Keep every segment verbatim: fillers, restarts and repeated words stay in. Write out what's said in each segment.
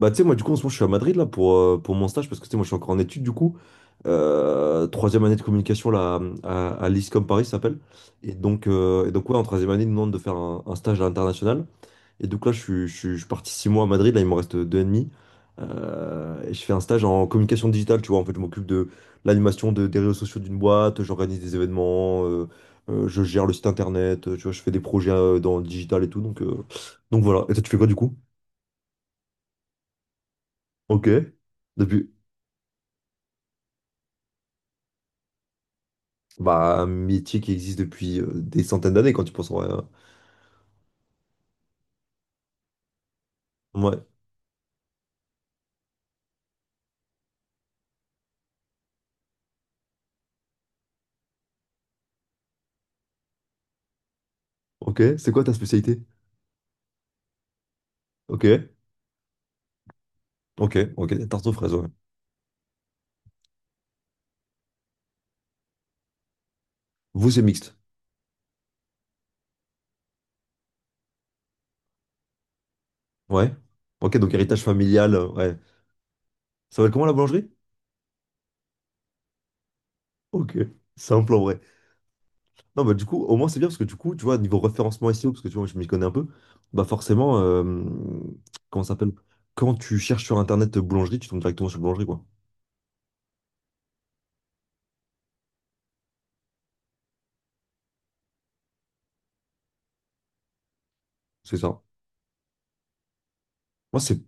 Bah, tu sais, moi, du coup, en ce moment, je suis à Madrid, là, pour, euh, pour mon stage, parce que, tu sais, moi, je suis encore en études, du coup. Euh, troisième année de communication, là, à, à l'I S COM Paris, ça s'appelle. Et donc, euh, et donc, ouais, en troisième année, ils nous demandent de faire un, un stage à l'international. Et donc, là, je suis, je suis, je suis parti six mois à Madrid, là, il me reste deux et demi. Euh, et je fais un stage en communication digitale, tu vois. En fait, je m'occupe de l'animation de, des réseaux sociaux d'une boîte, j'organise des événements, euh, euh, je gère le site internet, euh, tu vois, je fais des projets euh, dans le digital et tout. Donc, euh, donc voilà. Et toi, tu fais quoi, du coup? Ok. Depuis. Bah, un métier qui existe depuis euh, des centaines d'années quand tu penses en vrai, hein. Ouais. Ok, c'est quoi ta spécialité? Ok. Ok. Ok. Tarte aux fraises, ouais. Vous, c'est mixte. Ouais. Ok, donc héritage familial, euh, ouais. Ça va être comment la boulangerie? Ok. Simple en vrai. Non, bah du coup, au moins c'est bien parce que du coup, tu vois, niveau référencement S E O, parce que tu vois, je m'y connais un peu, bah forcément, euh, comment ça s'appelle? Quand tu cherches sur internet euh, boulangerie, tu tombes directement sur boulangerie, quoi. C'est ça. Moi, c'est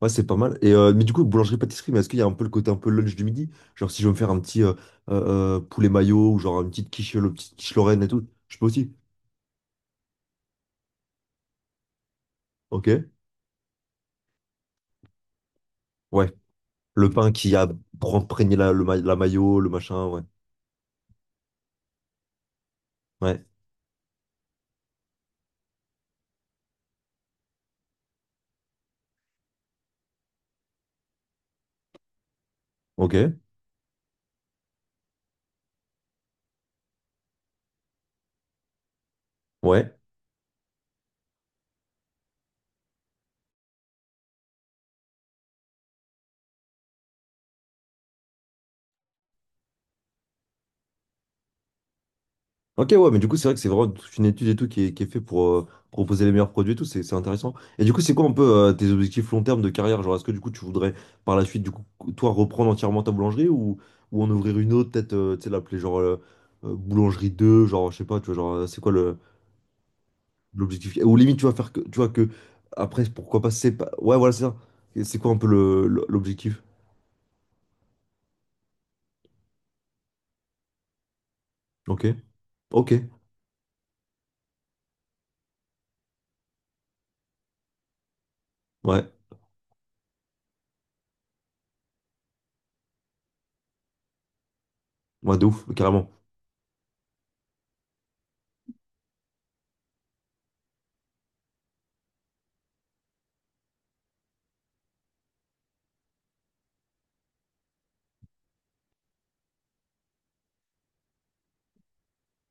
ouais, c'est pas mal. Et, euh, mais du coup, boulangerie-pâtisserie, mais est-ce qu'il y a un peu le côté un peu lunch du midi? Genre, si je veux me faire un petit euh, euh, euh, poulet mayo ou genre une petite quiche, le petite quiche Lorraine et tout, je peux aussi. Ok. Ouais. Le pain qui a imprégné la, le ma- la mayo, le machin, ouais. Ouais. Ok. Ouais. Ok, ouais, mais du coup, c'est vrai que c'est vraiment toute une étude et tout qui est, qui est fait pour euh, proposer les meilleurs produits et tout, c'est c'est intéressant. Et du coup, c'est quoi un peu euh, tes objectifs long terme de carrière? Genre, est-ce que du coup, tu voudrais par la suite, du coup, toi, reprendre entièrement ta boulangerie ou, ou en ouvrir une autre, peut-être, euh, tu sais, l'appeler genre euh, euh, boulangerie deux genre, je sais pas, tu vois, genre, euh, c'est quoi le l'objectif? Ou limite, tu vas faire que, tu vois, que après, pourquoi pas, c'est pas... Ouais, voilà, c'est ça. Et c'est quoi un peu le le- l'objectif? Ok, ok, ouais, ouais, de ouf, carrément.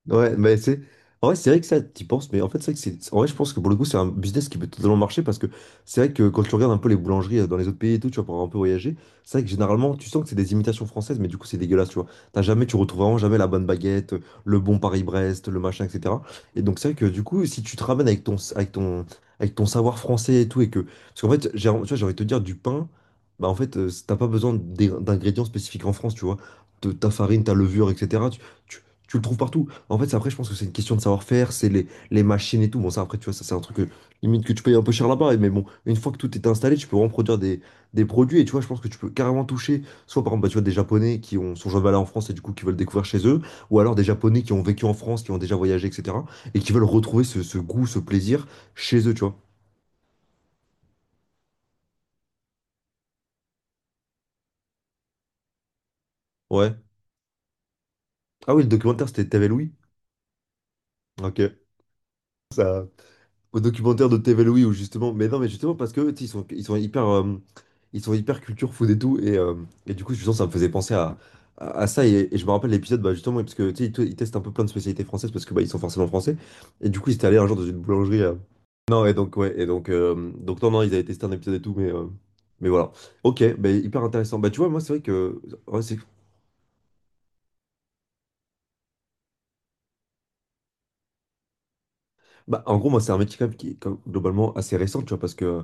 Ouais, mais c'est. En vrai, c'est vrai que ça, t'y penses, mais en fait, c'est vrai que c'est. En vrai, je pense que pour le coup, c'est un business qui peut totalement marcher parce que c'est vrai que quand tu regardes un peu les boulangeries euh, dans les autres pays et tout, tu vois, pour un peu voyager, c'est vrai que généralement, tu sens que c'est des imitations françaises, mais du coup, c'est dégueulasse, tu vois. T'as jamais, tu retrouves vraiment jamais la bonne baguette, le bon Paris-Brest, le machin, et cetera. Et donc, c'est vrai que du coup, si tu te ramènes avec ton, avec ton, avec ton savoir français et tout, et que. Parce qu'en fait, j'ai, tu vois, j'ai envie de te dire, du pain, bah, en fait, euh, t'as pas besoin d'ing- d'ingrédients spécifiques en France, tu vois. De- Ta farine, ta levure, et cetera. Tu le trouves partout. En fait, c'est après, je pense que c'est une question de savoir-faire, c'est les, les machines et tout. Bon, ça, après, tu vois, ça, c'est un truc que, limite que tu payes un peu cher là-bas. Mais bon, une fois que tout est installé, tu peux vraiment produire des, des produits. Et tu vois, je pense que tu peux carrément toucher, soit par exemple, bah, tu vois, des Japonais qui ont, sont jamais allés en France et du coup, qui veulent découvrir chez eux, ou alors des Japonais qui ont vécu en France, qui ont déjà voyagé, et cetera et qui veulent retrouver ce, ce goût, ce plaisir chez eux, tu vois. Ouais. Ah oui, le documentaire, c'était T'avais Louis. Ok. Ça, au documentaire de T V Louis où justement mais non mais justement parce que tu sais, ils sont ils sont hyper euh, ils sont hyper culture food et tout et, euh, et du coup justement ça me faisait penser à, à, à ça et, et je me rappelle l'épisode bah, justement parce que tu sais ils, te- ils testent un peu plein de spécialités françaises parce que bah, ils sont forcément français et du coup ils étaient allés un jour dans une boulangerie euh, non et donc ouais et donc euh, donc non non ils avaient testé un épisode et tout mais euh, mais voilà ok bah, hyper intéressant bah tu vois moi c'est vrai que ouais, c'est. Bah, en gros, moi, c'est un métier quand même qui est quand- globalement assez récent, tu vois, parce que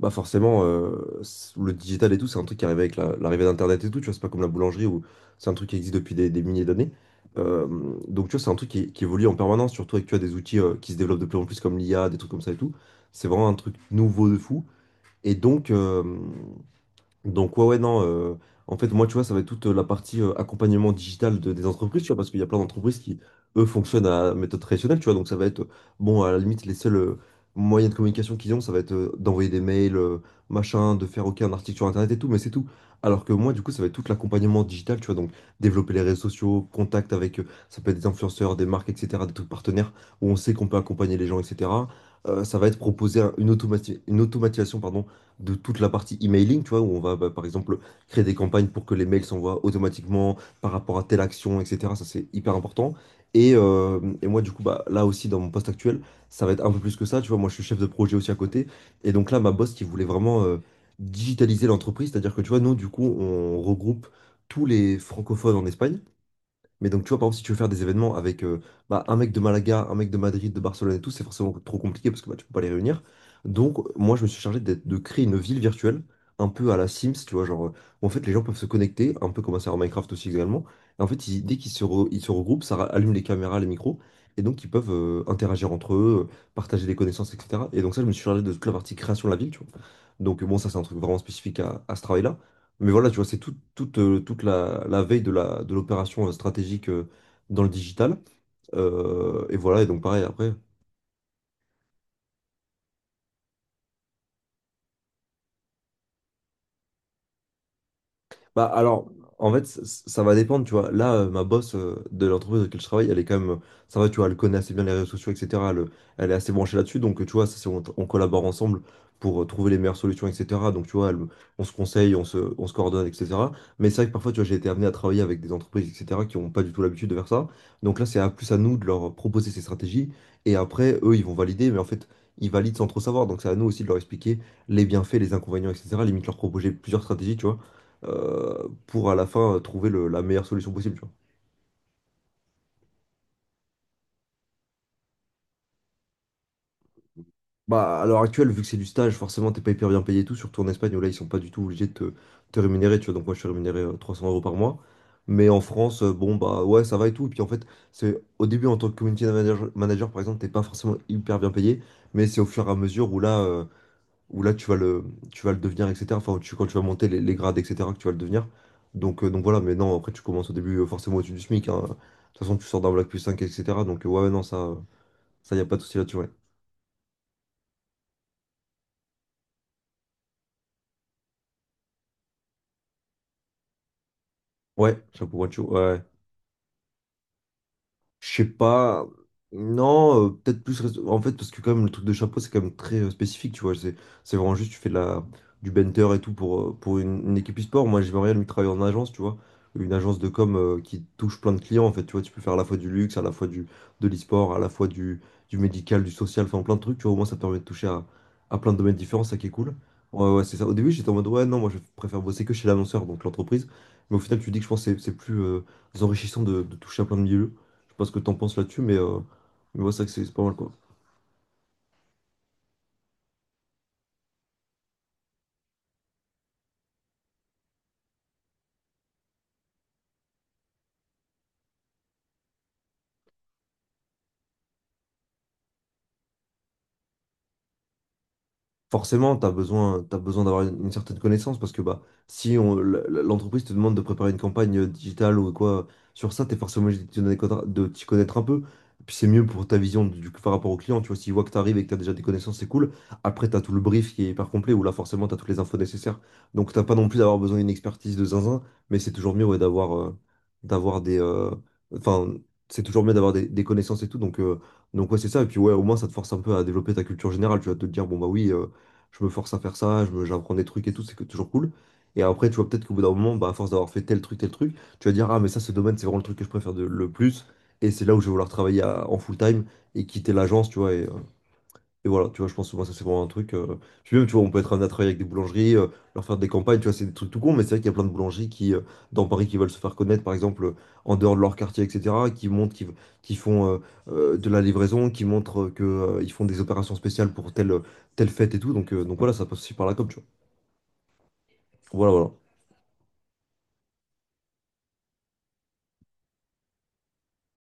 bah, forcément, euh, c- le digital et tout, c'est un truc qui arrive avec la- l'arrivée d'Internet et tout, tu vois, c'est pas comme la boulangerie où c'est un truc qui existe depuis des, des milliers d'années. Euh, donc, tu vois, c'est un truc qui, qui évolue en permanence, surtout avec, tu vois, des outils euh, qui se développent de plus en plus comme l'I A, des trucs comme ça et tout. C'est vraiment un truc nouveau de fou. Et donc, donc, ouais, ouais, non. Euh, en fait, moi, tu vois, ça va être toute euh, la partie euh, accompagnement digital de- des entreprises, tu vois, parce qu'il y a plein d'entreprises qui, eux, fonctionnent à méthode traditionnelle, tu vois. Donc, ça va être, euh, bon, à la limite, les seuls euh, moyens de communication qu'ils ont, ça va être euh, d'envoyer des mails, euh, machin, de faire, OK, un article sur Internet et tout, mais c'est tout. Alors que moi, du coup, ça va être tout l'accompagnement digital, tu vois. Donc, développer les réseaux sociaux, contact avec, euh, ça peut être des influenceurs, des marques, et cetera, des trucs partenaires, où on sait qu'on peut accompagner les gens, et cetera. Euh, ça va être proposer un- une automati- une automatisation, pardon, de toute la partie emailing, tu vois, où on va, bah, par exemple, créer des campagnes pour que les mails s'envoient automatiquement par rapport à telle action, et cetera. Ça, c'est hyper important. Et, euh, et moi, du coup, bah, là aussi, dans mon poste actuel, ça va être un peu plus que ça. Tu vois, moi, je suis chef de projet aussi à côté. Et donc là, ma boss qui voulait vraiment euh, digitaliser l'entreprise, c'est-à-dire que, tu vois, nous, du coup, on regroupe tous les francophones en Espagne. Mais donc, tu vois, par exemple, si tu veux faire des événements avec euh, bah, un mec de Malaga, un mec de Madrid, de Barcelone et tout, c'est forcément trop compliqué parce que bah, tu peux pas les réunir. Donc, moi, je me suis chargé d'être- de créer une ville virtuelle, un peu à la Sims, tu vois, genre, euh, où en fait, les gens peuvent se connecter, un peu comme un serveur Minecraft aussi également. Et en fait, ils- dès qu'ils se, re- ils se regroupent, ça ra- allume les caméras, les micros, et donc ils peuvent euh, interagir entre eux, euh, partager des connaissances, et cetera. Et donc, ça, je me suis chargé de toute la partie création de la ville, tu vois. Donc, bon, ça, c'est un truc vraiment spécifique à, à ce travail-là. Mais voilà, tu vois, c'est toute toute, euh, toute la, la veille de la, de l'opération euh, stratégique euh, dans le digital. Euh, et voilà, et donc pareil, après. Bah alors, en fait, ça, ça va dépendre, tu vois. Là, euh, ma boss euh, de l'entreprise dans laquelle je travaille, elle est quand même, euh, ça va, tu vois, elle connaît assez bien les réseaux sociaux, et cetera. Elle, euh, elle est assez branchée là-dessus, donc euh, tu vois, ça, c'est- on, on collabore ensemble pour euh, trouver les meilleures solutions, et cetera. Donc tu vois, elle- me- on se conseille, on se, on se coordonne, et cetera. Mais c'est vrai que parfois, tu vois, j'ai été amené à travailler avec des entreprises, et cetera qui n'ont pas du tout l'habitude de faire ça. Donc là, c'est à plus à nous de leur proposer ces stratégies, et après, eux, ils vont valider, mais en fait, ils valident sans trop savoir. Donc c'est à nous aussi de leur expliquer les bienfaits, les inconvénients, et cetera. Limite leur proposer plusieurs stratégies, tu vois euh, pour à la fin euh, trouver le- la meilleure solution possible, tu vois. Bah, à l'heure actuelle, vu que c'est du stage, forcément, t'es pas hyper bien payé et tout, surtout en Espagne où là, ils sont pas du tout obligés de te, te rémunérer, tu vois. Donc, moi, je suis rémunéré euh, trois cents euros par mois. Mais en France, euh, bon, bah ouais, ça va et tout. Et puis, en fait, c'est au début, en tant que community manager, manager, par exemple, t'es pas forcément hyper bien payé, mais c'est au fur et à mesure où là, euh, où là tu vas le, tu vas le devenir, et cetera. Enfin, tu, quand tu vas monter les, les grades, et cetera, que tu vas le devenir. Donc, euh, donc voilà, mais non, après tu commences au début euh, forcément au-dessus du SMIC, hein. De toute façon, tu sors d'un Black plus cinq, et cetera. Donc euh, ouais, ouais, non, ça, euh, ça y a pas de souci là-dessus, ouais. Ouais, chapeau, macho, ouais, ouais. Je sais pas. Non, euh, peut-être plus. rest- En fait, parce que quand même, le truc de chapeau, c'est quand même très euh, spécifique, tu vois. C'est c'est vraiment juste, tu fais de la, du benter et tout pour, euh, pour une, une équipe e-sport. Moi, j'aimerais bien lui travailler en agence, tu vois. Une agence de com euh, qui touche plein de clients, en fait. Tu vois, tu peux faire à la fois du luxe, à la fois du, de l'e-sport, à la fois du, du médical, du social, enfin plein de trucs, tu vois. Au moins, ça te permet de toucher à, à plein de domaines différents, ça qui est cool. Ouais, ouais, c'est ça. Au début, j'étais en mode, ouais, non, moi, je préfère bosser que chez l'annonceur, donc l'entreprise. Mais au final, tu te dis que je pense que c'est c'est plus euh, enrichissant de, de toucher à plein de milieux. Je sais pas ce que t'en penses là-dessus, mais, euh, mais ouais, c'est vrai que c'est c'est pas mal, quoi. Forcément, tu as besoin, t'as besoin d'avoir une, une certaine connaissance parce que bah, si on- l- l- l'entreprise te demande de préparer une campagne euh, digitale ou quoi sur ça, tu es forcément obligé de t'y connaître de t'y connaître un peu. Puis c'est mieux pour ta vision du, par rapport au client. Tu vois, s'il voit que tu arrives et que tu as déjà des connaissances, c'est cool. Après, tu as tout le brief qui est hyper complet où là, forcément, tu as toutes les infos nécessaires. Donc, t'as pas non plus d'avoir besoin d'une expertise de zinzin, mais c'est toujours mieux ouais, d'avoir euh, d'avoir des. euh, Enfin, c'est toujours mieux d'avoir des, des connaissances et tout. Donc, euh, donc ouais, c'est ça. Et puis, ouais, au moins, ça te force un peu à développer ta culture générale. Tu vas te dire, bon, bah oui, euh, je me force à faire ça, je me- j'apprends des trucs et tout, c'est que- toujours cool. Et après, tu vois, peut-être qu'au bout d'un moment, bah, à force d'avoir fait tel truc, tel truc, tu vas dire, ah, mais ça, ce domaine, c'est vraiment le truc que je préfère de- le plus. Et c'est là où je vais vouloir travailler à- en full time et quitter l'agence, tu vois. Et, et voilà, tu vois, je pense que moi, ça, c'est vraiment un truc. euh, Puis même, tu vois, on peut être amené à travailler avec des boulangeries, euh, leur faire des campagnes, tu vois, c'est des trucs tout con, mais c'est vrai qu'il y a plein de boulangeries qui, euh, dans Paris, qui veulent se faire connaître, par exemple, euh, en dehors de leur quartier, et cetera, qui montrent, qui, qui font euh, euh, de la livraison, qui montrent euh, que, euh, ils font des opérations spéciales pour telle, telle fête et tout. Donc, euh, donc voilà, ça passe aussi par la com, tu vois. Voilà, voilà.